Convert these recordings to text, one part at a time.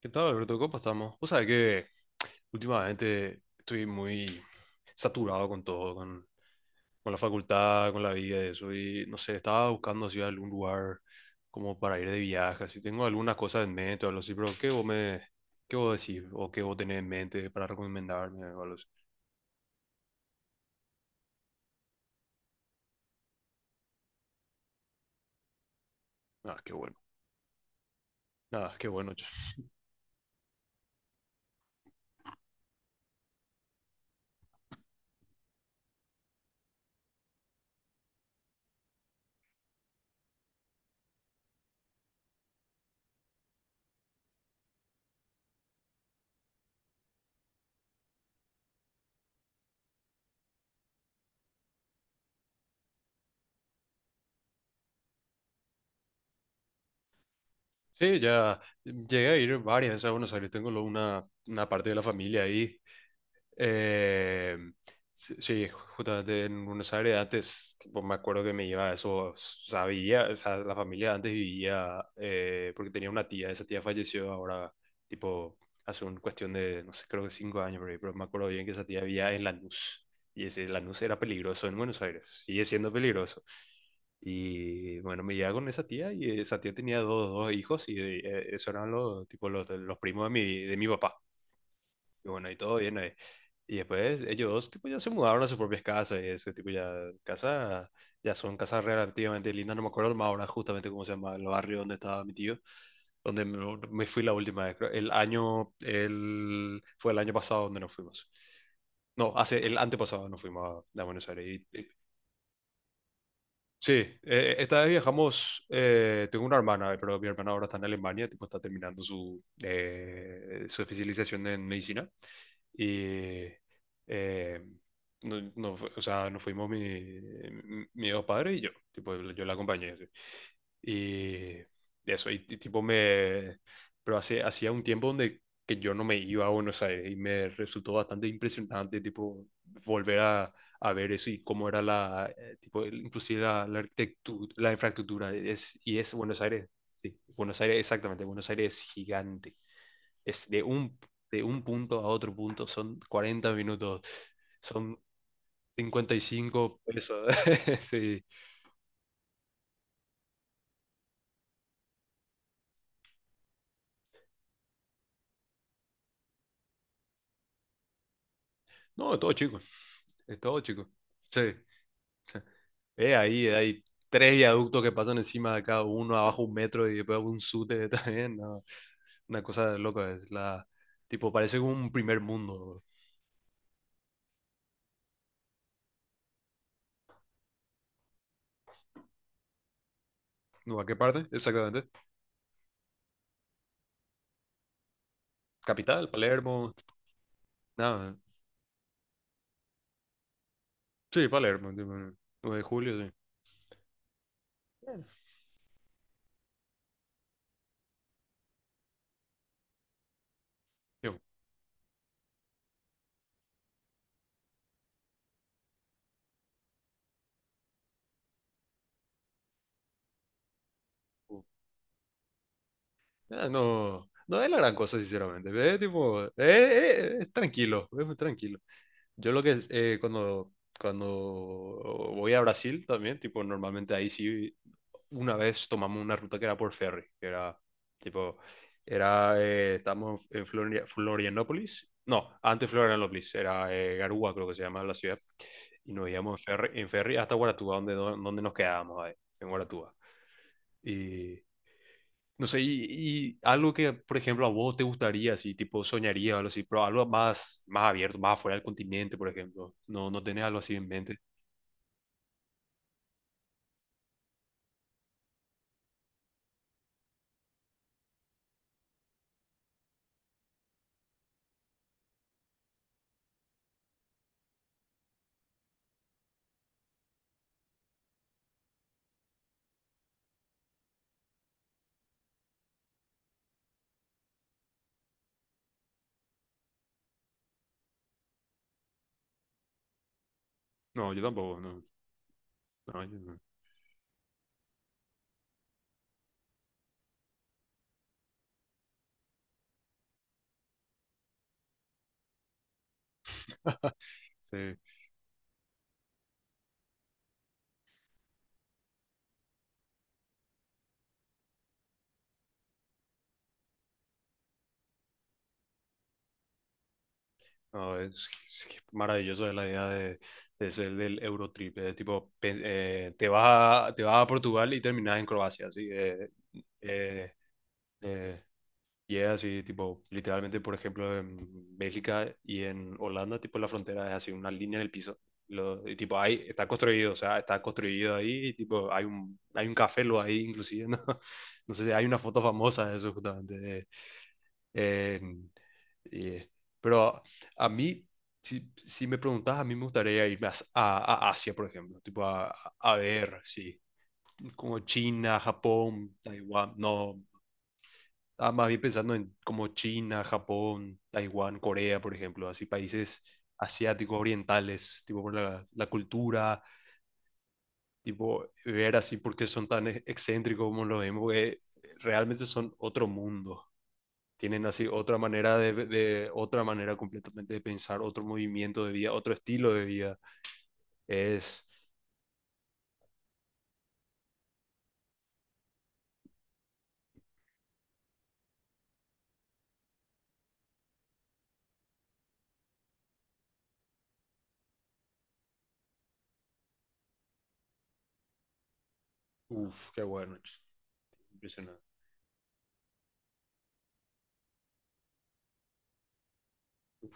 ¿Qué tal, Alberto? ¿Cómo estamos? Vos sabés que últimamente estoy muy saturado con todo, con la facultad, con la vida y eso. Y no sé, estaba buscando así algún lugar como para ir de viaje. Así tengo algunas cosas en mente o algo así, pero ¿Qué vos decís? ¿O qué vos tenés en mente para recomendarme o algo así? Ah, qué bueno. Ah, qué bueno, che. Sí, ya llegué a ir varias veces a Buenos Aires, tengo una parte de la familia ahí. Eh, sí, sí, justamente en Buenos Aires antes, tipo, me acuerdo que me iba a eso, o sea, vivía, o sea, la familia antes vivía, porque tenía una tía, esa tía falleció ahora, tipo, hace un cuestión de, no sé, creo que 5 años, por ahí, pero me acuerdo bien que esa tía vivía en Lanús, y ese Lanús era peligroso en Buenos Aires, sigue siendo peligroso. Y bueno, me llevaba con esa tía y esa tía tenía dos hijos y esos eran los, tipo, los primos de mi papá. Y bueno, y todo bien ahí. Y después ellos dos, tipo, ya se mudaron a sus propias casas y ese tipo casa, ya son casas relativamente lindas, no me acuerdo más ahora justamente cómo se llama el barrio donde estaba mi tío, donde me fui la última vez, creo. Fue el año pasado donde nos fuimos. No, hace el antepasado nos fuimos a Buenos Aires y. Sí, esta vez viajamos, tengo una hermana, pero mi hermana ahora está en Alemania, tipo, está terminando su especialización en medicina. Y eh, no, o sea, nos fuimos mi, mis dos padres y yo, tipo, yo la acompañé. Y eso, y tipo me. Pero hacía un tiempo donde que yo no me iba a Buenos Aires y me resultó bastante impresionante, tipo, volver a ver eso y cómo era la, tipo, inclusive la arquitectura, la infraestructura. Y es Buenos Aires, sí, Buenos Aires, exactamente, Buenos Aires es gigante. Es de un punto a otro punto, son 40 minutos, son 55 pesos. Sí. No, es todo chico, es todo chico. Sí. Ahí hay tres viaductos que pasan encima de cada uno, abajo un metro y después un sute también. No, Una cosa loca es la. Tipo, parece como un primer mundo. ¿No? ¿A qué parte? Exactamente. Capital, Palermo. Nada. Sí, Palermo, tipo, 9 de julio, sí. Eh, yo, uh, no, no es la gran cosa, sinceramente. Es tipo, es tranquilo, es muy tranquilo. Yo lo que es, cuando voy a Brasil también, tipo, normalmente ahí sí una vez tomamos una ruta que era por ferry, que era tipo, estábamos en Florianópolis, no, antes Florianópolis, era Garúa, creo que se llama la ciudad, y nos íbamos en ferry hasta Guaratuba, donde nos quedábamos ahí, en Guaratuba. Y no sé, algo que, por ejemplo, a vos te gustaría, así, tipo, soñaría o algo así, pero algo más, más abierto, más afuera del continente, por ejemplo. No, no tenés algo así en mente. No, yo tampoco, no. No, yo no. Sí. No, es que es maravilloso la idea de, ser del Eurotrip. Tipo, te vas a Portugal y terminas en Croacia, así. Eh, eh, y es así, tipo, literalmente, por ejemplo, en Bélgica y en Holanda, tipo, la frontera es así, una línea en el piso. Y tipo, ahí está construido, o sea, está construido ahí, y, tipo, hay un café lo ahí, inclusive, ¿no? No sé, si hay una foto famosa de eso, justamente, eh, y- pero a mí, si me preguntas, a mí me gustaría irme a Asia, por ejemplo, tipo a ver, sí, como China, Japón, Taiwán, no, ah, más bien pensando en como China, Japón, Taiwán, Corea, por ejemplo, así países asiáticos, orientales, tipo por la cultura, tipo ver así por qué son tan excéntricos como lo vemos, porque realmente son otro mundo. Tienen así otra manera de, otra manera completamente de pensar, otro movimiento de vida, otro estilo de vida. Es, Uff, qué bueno, impresionante. Uf.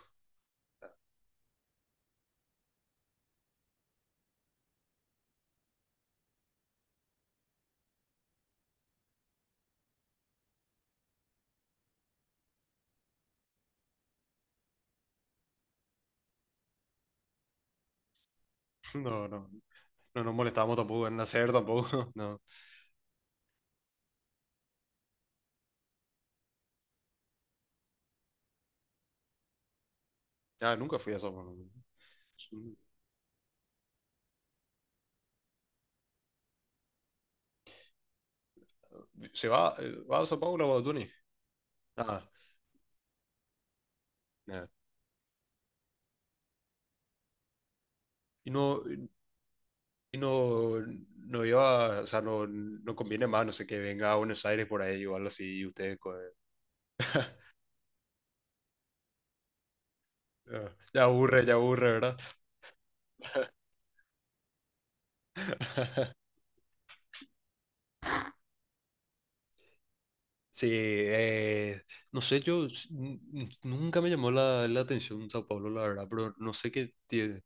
No, no, no nos molestamos tampoco en nacer tampoco, no. Ah, nunca fui a Sao Paulo. ¿Se va a Sao Paulo o a Tuni? Ah, nada. Y no, y no, no iba, o sea, no conviene más, no sé, que venga a Buenos Aires por ahí o algo así y ustedes. Ya aburre, ¿verdad? Sí, no sé, yo nunca me llamó la atención Sao Paulo, la verdad, pero no sé qué tiene.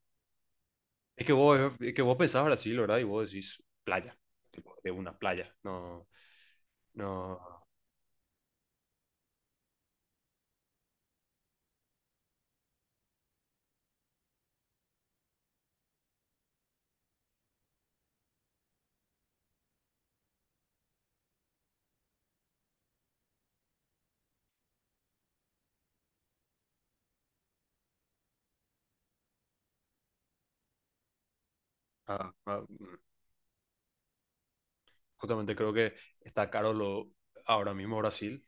Es que vos pensás Brasil, ¿verdad? Y vos decís playa, tipo, de una playa. No, no. Ah, ah, justamente creo que está caro ahora mismo Brasil,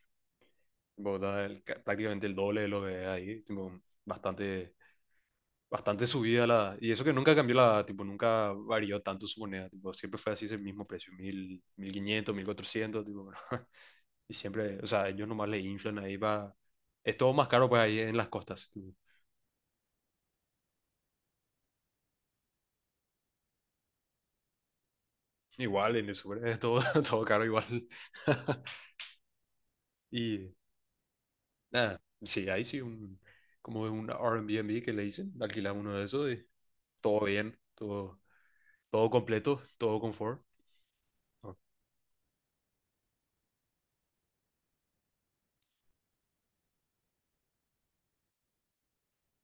Bogotá prácticamente el doble de lo que es ahí, tipo, bastante, bastante subida la. Y eso que nunca cambió tipo, nunca varió tanto su moneda, tipo, siempre fue así ese mismo precio, 1.000, 1.500, 1.400, tipo. Y siempre, o sea, ellos nomás le inflan ahí para. Es todo más caro pues ahí en las costas, tipo. Igual en el sur, es todo, todo caro igual. Y nada, sí, ahí sí un. Como un Airbnb que le dicen, alquilar uno de esos y todo bien, todo. Todo completo, todo confort. Ah.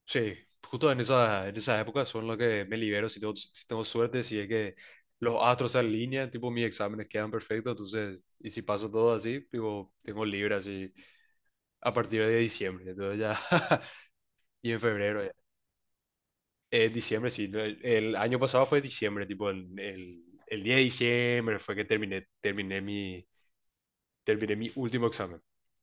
Sí, justo en esa época son los que me libero si tengo suerte, si es que los astros se alinean, tipo mis exámenes quedan perfectos, entonces, y si paso todo así, tipo, tengo libre así a partir de diciembre, entonces ya. Y en febrero ya. Diciembre, sí, no, el año pasado fue diciembre, tipo, el 10 de diciembre fue que terminé mi último examen.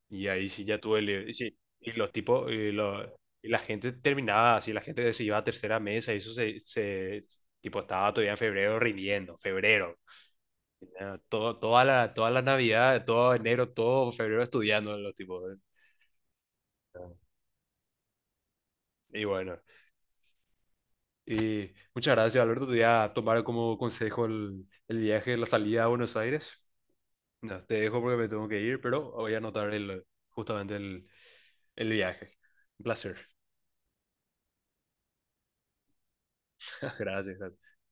Y ahí sí ya tuve libre. Y sí, y los tipos. Y la gente terminaba así, la gente se iba a tercera mesa y eso se tipo, estaba todavía en febrero rindiendo, febrero. Ya, toda la Navidad, todo enero, todo febrero estudiando los tipos. Y bueno, y muchas gracias, Alberto. Te voy a tomar como consejo el viaje, la salida a Buenos Aires. No, te dejo porque me tengo que ir, pero voy a anotar justamente el viaje. Un placer. Gracias, gracias.